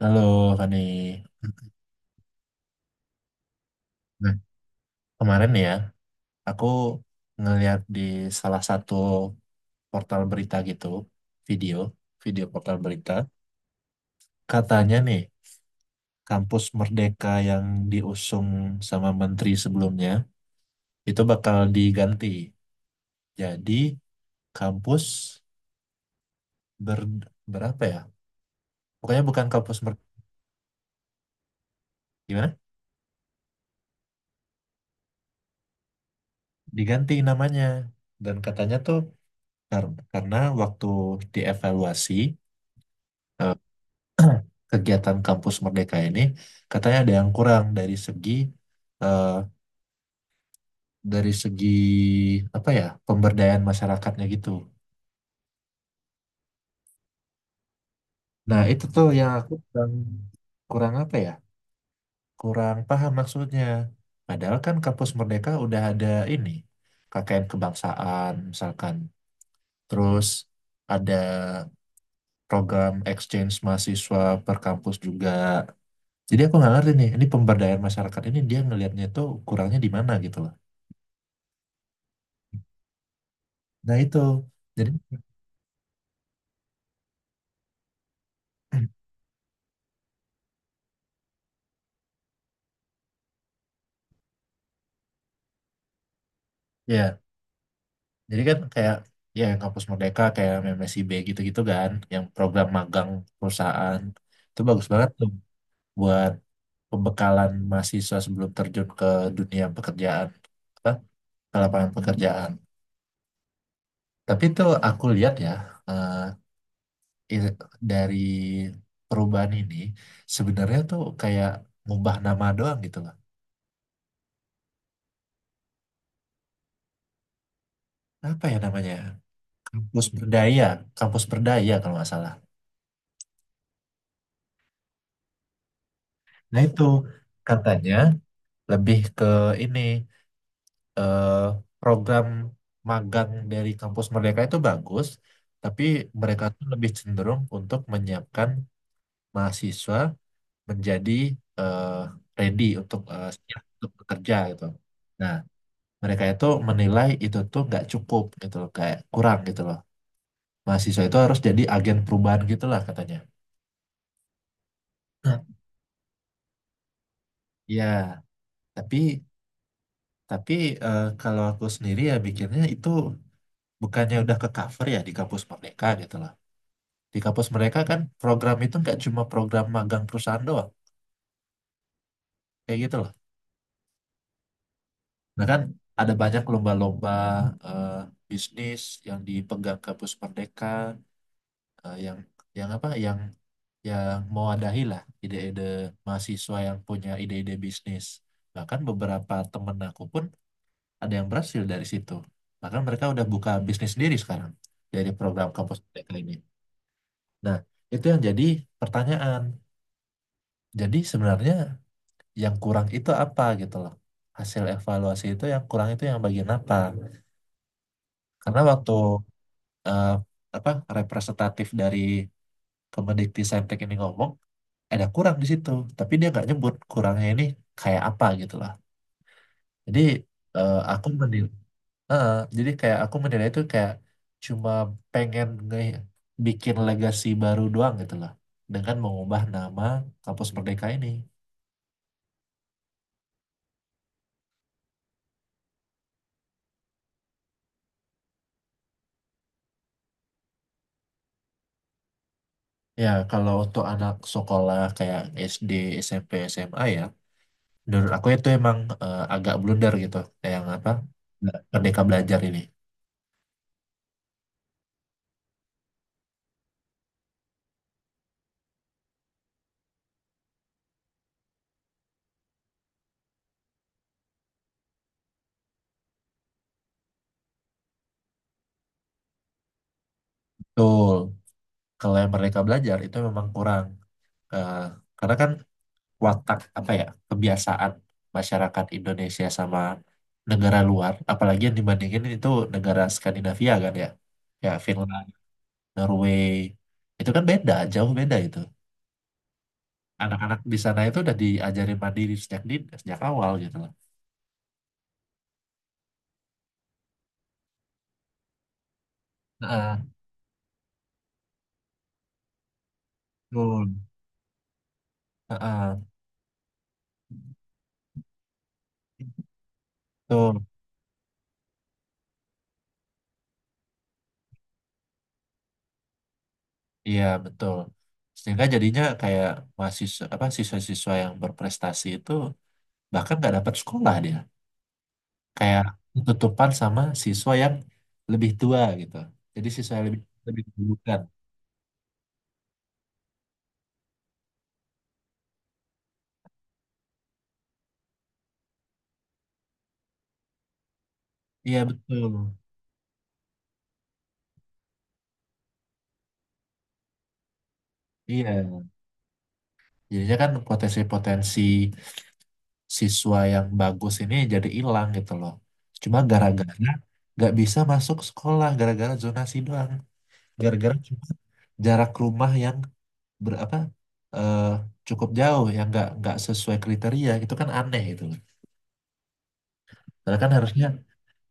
Halo Fani, nah kemarin ya aku ngeliat di salah satu portal berita gitu, video, video portal berita, katanya nih kampus Merdeka yang diusung sama menteri sebelumnya itu bakal diganti. Jadi kampus ber, berapa ya? Pokoknya bukan kampus Merdeka, gimana? Diganti namanya. Dan katanya tuh karena waktu dievaluasi eh, kegiatan kampus Merdeka ini katanya ada yang kurang dari segi eh, dari segi apa ya pemberdayaan masyarakatnya gitu. Nah itu tuh yang aku kurang kurang apa ya kurang paham maksudnya. Padahal kan kampus Merdeka udah ada ini KKN kebangsaan misalkan, terus ada program exchange mahasiswa per kampus juga. Jadi aku nggak ngerti nih, ini pemberdayaan masyarakat ini dia ngelihatnya tuh kurangnya di mana gitu loh. Nah itu jadi ya jadi kan kayak ya yang kampus Merdeka kayak MMSIB gitu-gitu kan yang program magang perusahaan itu bagus banget tuh buat pembekalan mahasiswa sebelum terjun ke dunia pekerjaan apa ke lapangan pekerjaan. Tapi itu aku lihat ya, eh, i- dari perubahan ini sebenarnya tuh kayak ngubah nama doang gitu loh. Apa ya namanya, kampus berdaya kampus berdaya kalau nggak salah. Nah itu katanya lebih ke ini, eh, program magang dari kampus mereka itu bagus, tapi mereka tuh lebih cenderung untuk menyiapkan mahasiswa menjadi eh, siap untuk bekerja gitu. Nah mereka itu menilai itu tuh nggak cukup gitu loh, kayak kurang gitu loh. Mahasiswa itu harus jadi agen perubahan gitu lah katanya. Nah, ya, tapi tapi kalau aku sendiri ya bikinnya itu bukannya udah ke cover ya di kampus mereka gitu loh. Di kampus mereka kan program itu nggak cuma program magang perusahaan doang, kayak gitu loh. Nah kan ada banyak lomba-lomba eh, bisnis yang dipegang kampus Merdeka, eh, yang apa yang mau adahi lah ide-ide mahasiswa yang punya ide-ide bisnis. Bahkan beberapa temen aku pun ada yang berhasil dari situ. Bahkan mereka udah buka bisnis sendiri sekarang dari program kampus Merdeka ini. Nah, itu yang jadi pertanyaan. Jadi sebenarnya yang kurang itu apa gitu loh. Hasil evaluasi itu yang kurang itu yang bagian apa? Karena waktu eh, apa representatif dari Kemendikti Saintek ini ngomong ada kurang di situ, tapi dia nggak nyebut kurangnya ini kayak apa gitu loh. Jadi aku menilai, jadi kayak aku menilai itu kayak cuma pengen bikin legasi baru doang gitu loh, dengan mengubah nama Kampus Merdeka ini. Ya, kalau untuk anak sekolah kayak SD, SMP, SMA ya, menurut aku itu emang agak blunder gitu. Kayak yang apa? Nah, Merdeka belajar ini. Betul. Kalau yang merdeka belajar itu memang kurang. Eh, karena kan watak apa ya, kebiasaan masyarakat Indonesia sama negara luar, apalagi yang dibandingin itu negara Skandinavia kan ya. Ya, Finland, Norway. Itu kan beda, jauh beda itu anak-anak di sana itu udah diajarin mandiri sejak awal gitu. Heeh, betul. Heeh, betul. Iya, betul. Sehingga jadinya kayak mahasiswa apa siswa-siswa yang berprestasi itu bahkan nggak dapat sekolah dia. Kayak tutupan sama siswa yang lebih tua gitu. Jadi siswa yang lebih lebih dulukan. Iya, betul. Iya. Jadinya kan potensi-potensi siswa yang bagus ini jadi hilang gitu loh. Cuma gara-gara nggak bisa masuk sekolah gara-gara zonasi doang. Gara-gara cuma jarak rumah yang berapa eh cukup jauh ya nggak sesuai kriteria itu kan aneh gitu loh. Karena kan harusnya,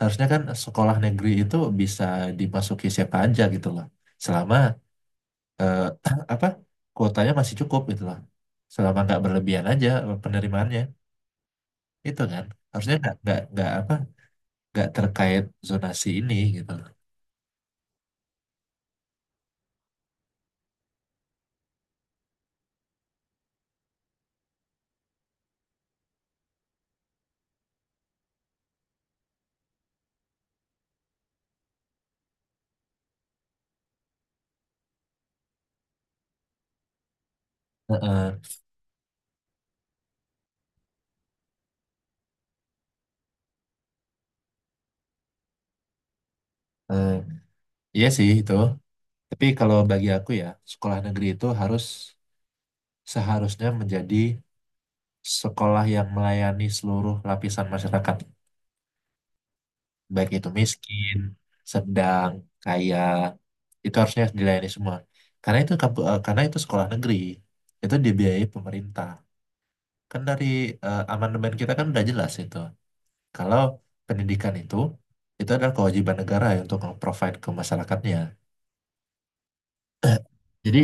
harusnya kan sekolah negeri itu bisa dimasuki siapa aja gitu loh. Selama eh, apa kuotanya masih cukup gitu loh. Selama nggak berlebihan aja penerimaannya itu kan harusnya nggak terkait zonasi ini gitu loh. Heeh. Eh, iya sih itu. Tapi kalau bagi aku ya sekolah negeri itu seharusnya menjadi sekolah yang melayani seluruh lapisan masyarakat, baik itu miskin, sedang, kaya, itu harusnya dilayani semua. Karena itu sekolah negeri, itu dibiayai pemerintah. Kan dari amandemen kita kan udah jelas itu. Kalau pendidikan itu adalah kewajiban negara ya untuk nge-provide ke masyarakatnya. Jadi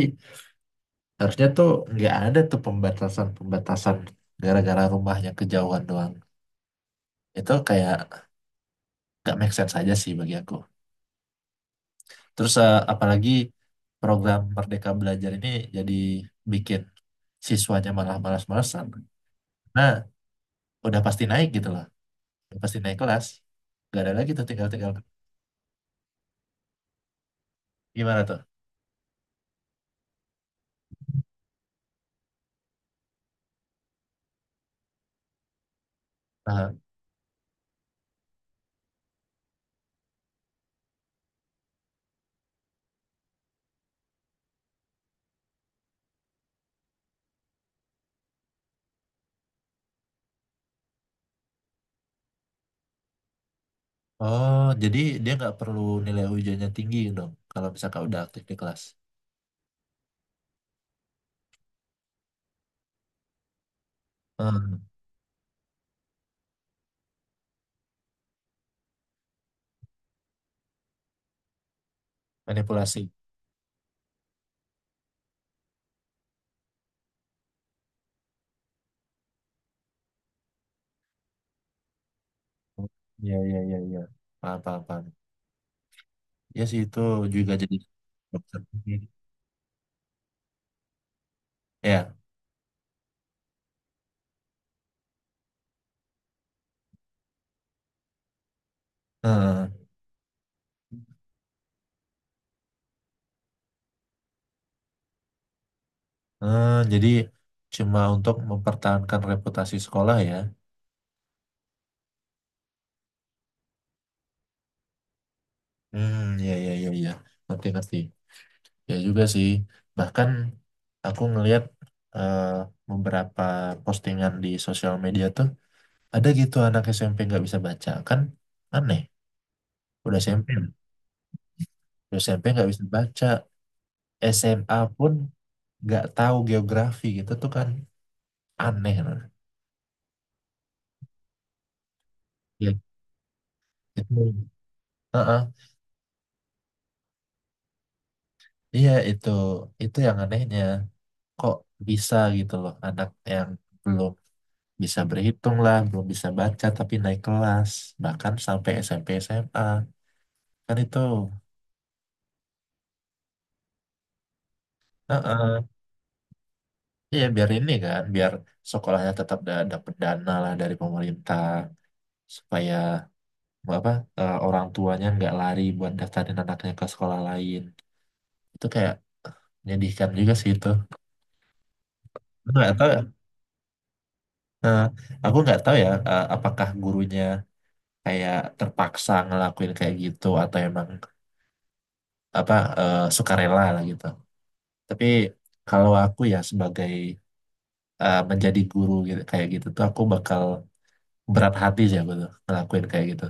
harusnya tuh nggak ada tuh pembatasan-pembatasan gara-gara rumahnya kejauhan doang. Itu kayak nggak make sense aja sih bagi aku. Terus apalagi program Merdeka Belajar ini jadi bikin siswanya malah malas-malasan. Nah, udah pasti naik gitu loh. Udah pasti naik kelas. Gak ada lagi tuh tinggal-tinggal. Gimana tuh? Aha. Oh, jadi dia nggak perlu nilai ujiannya tinggi dong kalau misalkan udah aktif di kelas. Hmm, manipulasi. Iya, iya, iya, iya. Paham, paham, paham. Ya sih itu juga jadi dokter. Ya. Heeh. Heeh, jadi cuma untuk mempertahankan reputasi sekolah ya. Hmm, ya, ya, ya, ya. Ngerti, ngerti. Ya juga sih. Bahkan aku ngelihat eh, beberapa postingan di sosial media tuh ada gitu anak SMP nggak bisa baca kan aneh. Udah SMP, udah SMP nggak bisa baca, SMA pun nggak tahu geografi gitu tuh kan aneh loh. Ya, itu, Heeh. Iya itu, itu yang anehnya. Kok bisa gitu loh anak yang belum bisa berhitung lah, belum bisa baca tapi naik kelas, bahkan sampai SMP SMA kan itu, Heeh. Iya biar ini kan, biar sekolahnya tetap dapat dana lah dari pemerintah supaya apa orang tuanya nggak lari buat daftarin anaknya ke sekolah lain, itu kayak menyedihkan juga sih itu. Aku nggak tahu, ya, eh, aku nggak tahu ya apakah gurunya kayak terpaksa ngelakuin kayak gitu atau emang apa sukarela lah gitu. Tapi kalau aku ya sebagai menjadi guru gitu, kayak gitu tuh aku bakal berat hati sih aku tuh ngelakuin kayak gitu.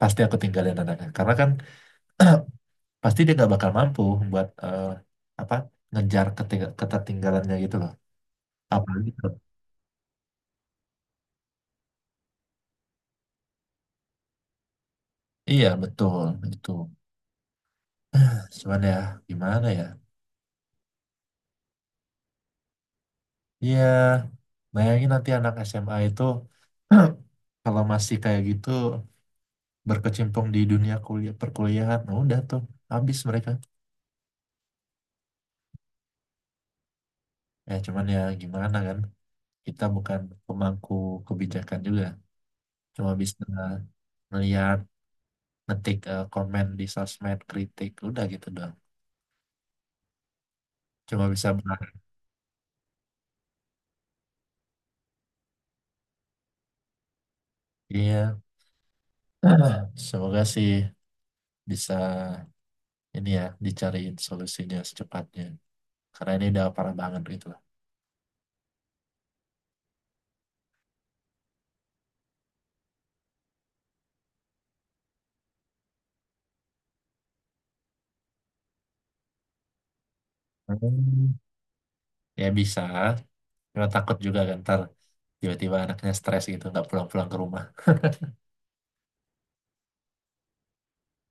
Pasti aku tinggalin anaknya. Karena kan pasti dia nggak bakal mampu buat eh, apa ngejar ketertinggalannya gitu loh. Apalagi ke- iya betul itu. Cuman ya gimana ya? Ya bayangin nanti anak SMA itu kalau masih kayak gitu berkecimpung di dunia kuliah perkuliahan, nah udah tuh habis mereka. Ya, cuman ya gimana kan, kita bukan pemangku kebijakan juga. Cuma bisa melihat, komen di sosmed, kritik, udah gitu doang. Cuma bisa berharap, iya, semoga sih bisa ini ya, dicariin solusinya secepatnya. Karena ini udah parah banget gitu lah. Hmm, ya bisa, cuma takut juga kan ntar tiba-tiba anaknya stres gitu, nggak pulang-pulang ke rumah.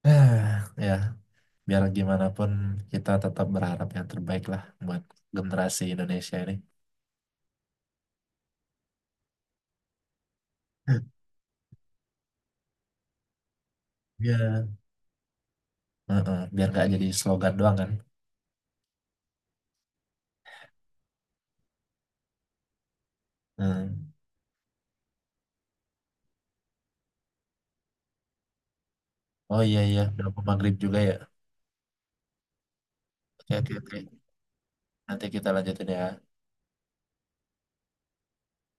Ya, biar gimana pun kita tetap berharap yang terbaik lah buat generasi Indonesia ini. Ya, Heeh, biar nggak jadi slogan doang kan. Hmm. Oh iya iya, udah mau maghrib juga ya. Oke oke oke. Nanti kita lanjutin ya.